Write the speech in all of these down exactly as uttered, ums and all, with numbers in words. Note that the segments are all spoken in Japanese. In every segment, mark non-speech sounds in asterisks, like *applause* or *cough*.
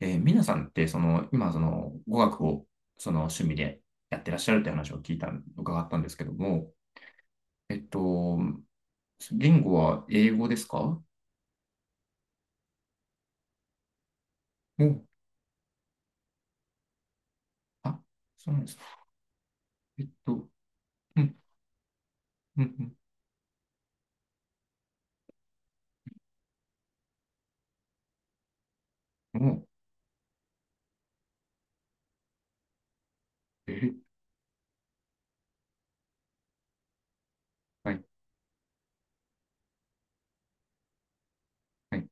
えー、皆さんって、その、今、その、語学を、その、趣味でやってらっしゃるって話を聞いた、伺ったんですけども、えっと、言語は英語ですかお、あ、そうなんですか。えっと、うん、うん、うん、お、えー、はい、はい、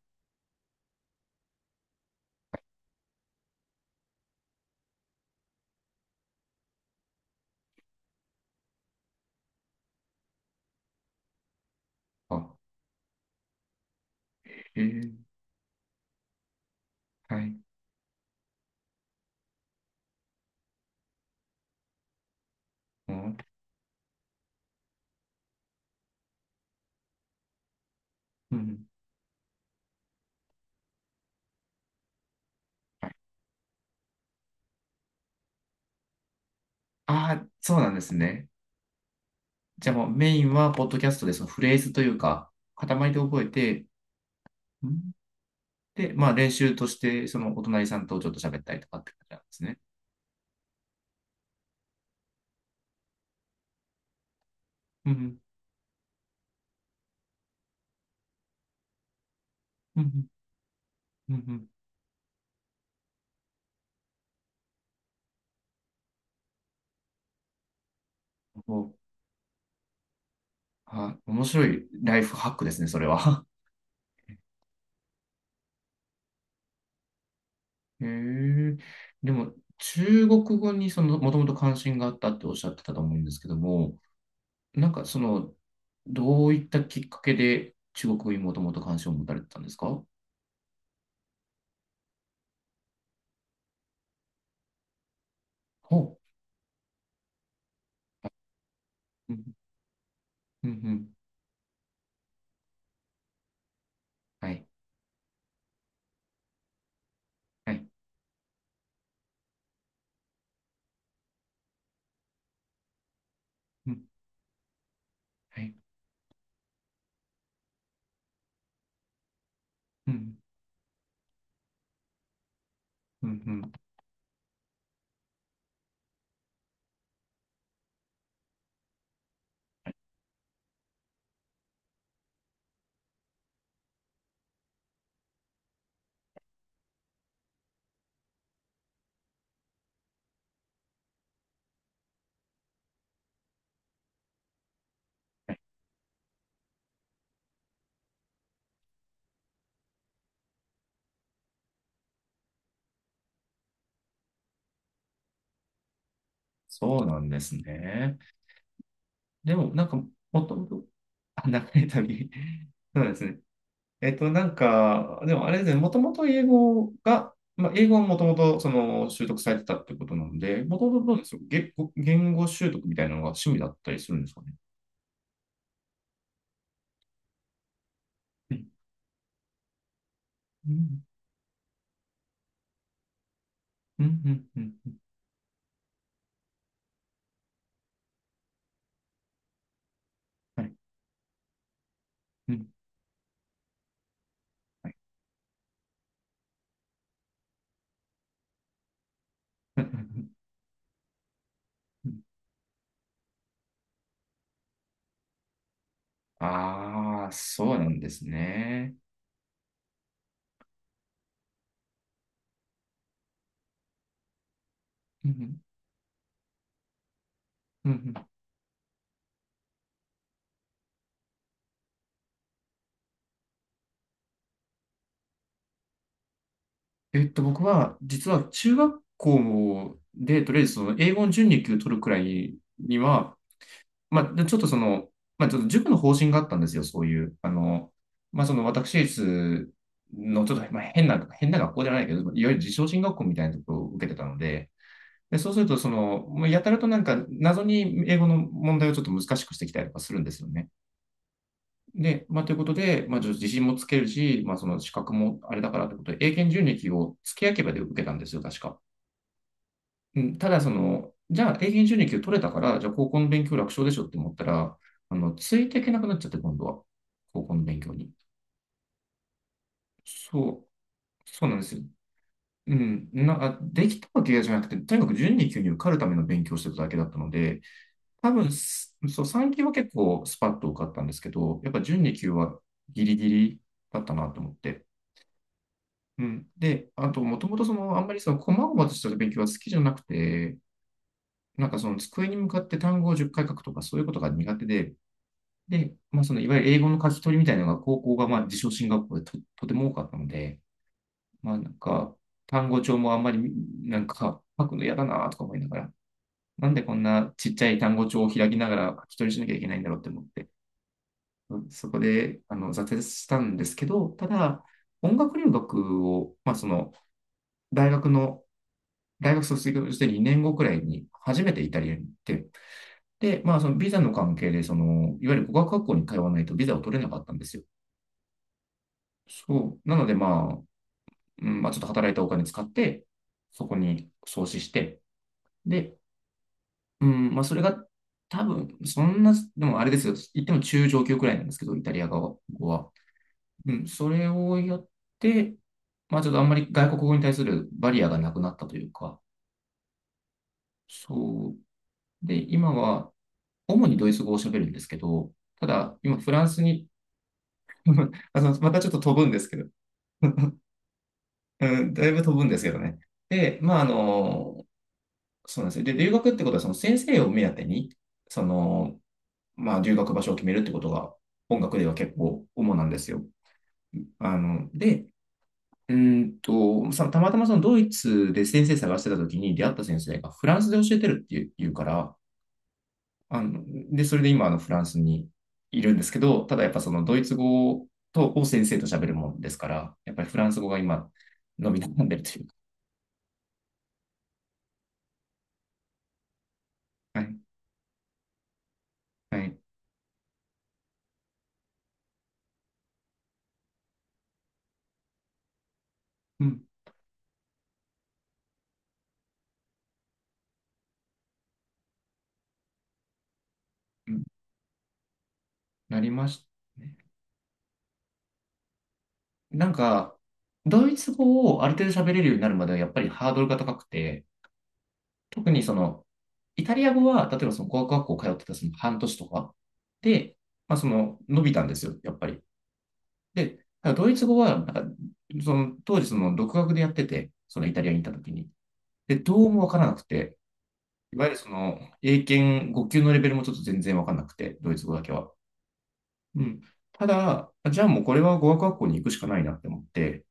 あ、えー、はい、お、うん、はい。ああ、そうなんですね。じゃあもうメインは、ポッドキャストで、そのフレーズというか、塊で覚えて、うん。で、まあ練習として、そのお隣さんとちょっと喋ったりとかって感じなんですね。うんうん、うん、うん。お、あ、面白いライフハックですね、それは。*laughs* へえ。でも、中国語にその、もともと関心があったっておっしゃってたと思うんですけども、なんかその、どういったきっかけで中国語にもともと関心を持たれてたんですかほう。うん、うん、うん。はい、はい、うん、はい、うん、うん、うん。はい、そうなんですね。でも、なんか、もともと、あ、長い旅。そうですね。えっと、なんか、でもあれですね、もともと英語が、まあ、英語はもともとその習得されてたってことなんで、もともとどうですか。言語、言語習得みたいなのが趣味だったりするんですかね。うん、うん、うん、うん、うんうん、はい、うん、はい。うんうんうん、ああ、そうなんですね。うんうんうんうん。えっと、僕は、実は中学校で、とりあえずその英語の準に級取るくらいには、まあ、でちょっとその、まあ、ちょっと塾の方針があったんですよ、そういう。あの、まあ、その私立のちょっと、まあ、変な、変な学校じゃないけど、いわゆる自称進学校みたいなところを受けてたので、で、そうすると、その、もうやたらとなんか謎に英語の問題をちょっと難しくしてきたりとかするんですよね。で、まあ、ということで、まあ、ちょっと自信もつけるし、まあ、その資格もあれだからということで、英検準に級を付け焼き刃で受けたんですよ、確か。うん、ただその、じゃあ英検準に級取れたから、じゃあ高校の勉強楽勝でしょって思ったら、あの、ついていけなくなっちゃって、今度は。高校の勉強に。そう、そうなんですよ。うん、な、あ、できたわけじゃなくて、とにかく準に級に受かるための勉強をしてただけだったので、多分す、そう、さん級は結構スパッと受かったんですけど、やっぱ準に級はギリギリだったなと思って。うん。で、あと、もともとその、あんまりその、細々とした勉強は好きじゃなくて、なんかその机に向かって単語をじゅっかい書くとかそういうことが苦手で、で、まあそのいわゆる英語の書き取りみたいなのが高校がまあ自称進学校でと、とても多かったので、まあなんか単語帳もあんまりなんか書くの嫌だなとか思いながら、なんでこんなちっちゃい単語帳を開きながら書き取りしなきゃいけないんだろうって思って、そこであの挫折したんですけど、ただ音楽留学を、まあその大学の大学卒業してにねんごくらいに初めてイタリアに行って、で、まあ、そのビザの関係で、その、いわゆる語学学校に通わないとビザを取れなかったんですよ。そう。なので、まあ、うん、まあ、ちょっと働いたお金使って、そこに創始して、で、うん、まあ、それが多分、そんな、でもあれですよ。言っても中上級くらいなんですけど、イタリア語は。うん、それをやって、まあ、ちょっとあんまり外国語に対するバリアがなくなったというか、そう。で、今は、主にドイツ語を喋るんですけど、ただ、今、フランスに、あのまたちょっと飛ぶんですけど、*laughs* うん、だいぶ飛ぶんですけどね。で、まあ、あの、そうなんですよ。で、留学ってことは、その先生を目当てに、その、まあ、留学場所を決めるってことが、音楽では結構主なんですよ。あの、で、うーんと、さたまたまそのドイツで先生探してた時に出会った先生がフランスで教えてるっていう、言うから、あの、で、それで今、あの、フランスにいるんですけど、ただやっぱそのドイツ語と、を先生と喋るもんですから、やっぱりフランス語が今、伸び悩んでるというか。はい。はい、うんうん、なりましたね。なんか、ドイツ語をある程度喋れるようになるまではやっぱりハードルが高くて、特にその、イタリア語は、例えばその語学学校通ってたその半年とかで、まあその、伸びたんですよ、やっぱり。で、ただドイツ語は、なんか、その、当時その、独学でやってて、そのイタリアに行った時に。で、どうもわからなくて、いわゆるその、英検ご級のレベルもちょっと全然わかんなくて、ドイツ語だけは。うん。ただ、じゃあもうこれは語学学校に行くしかないなって思って、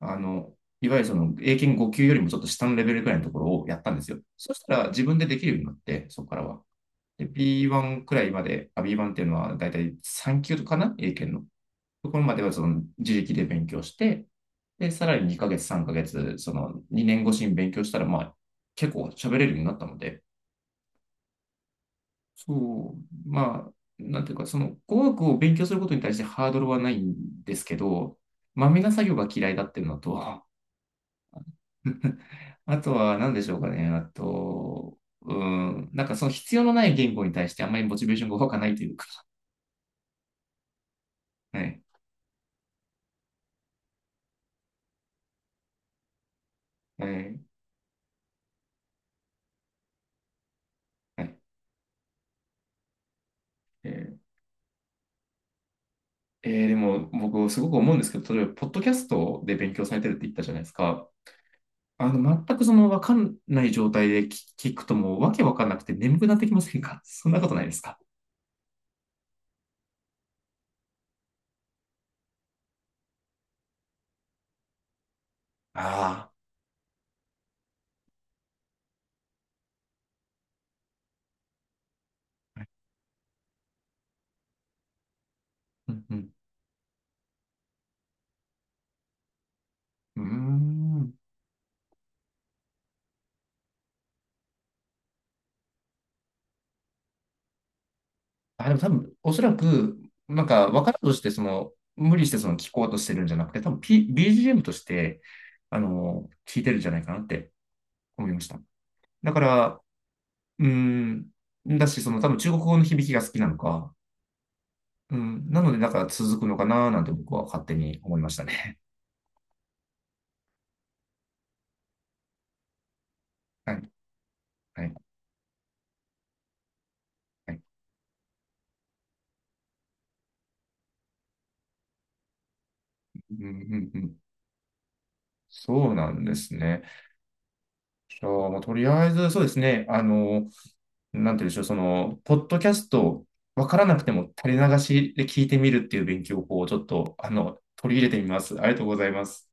あの、いわゆるその英検ご級よりもちょっと下のレベルくらいのところをやったんですよ。そしたら自分でできるようになって、そこからは。で、ビーワン くらいまで、あ、ビーワン っていうのはだいたいさん級かな、英検の。ところまではその自力で勉強して、で、さらににかげつ、さんかげつ、そのにねん越しに勉強したら、まあ、結構喋れるようになったので、そう、まあ、なんていうか、その語学を勉強することに対してハードルはないんですけど、まめな作業が嫌いだっていうのと、*laughs* あとは何でしょうかね、あと、うん、なんかその必要のない言語に対してあんまりモチベーションが湧かないというか、はい、はい、はい。えーえーでも僕すごく思うんですけど、例えば、ポッドキャストで勉強されてるって言ったじゃないですか。あの、全くその分かんない状態で聞聞くともうわけわかんなくて眠くなってきませんか？ *laughs* そんなことないですか。ああ。うんうん、うーん、あ、でも多分、おそらく、なんか、分からんとして、その、無理してその聞こうとしてるんじゃなくて、多分、P、ビージーエム として、あの、聞いてるんじゃないかなって思いました。だから、うーん、だし、その、多分、中国語の響きが好きなのか、うん、なので、なんか続くのかな、なんて僕は勝手に思いましたね。*laughs* はい、はい、はい。うん、うん、うん。そうなんですね。じゃあ、もうとりあえず、そうですね。あの、なんて言うんでしょう、その、ポッドキャスト、わからなくても垂れ流しで聞いてみるっていう勉強法をちょっと、あの、取り入れてみます。ありがとうございます。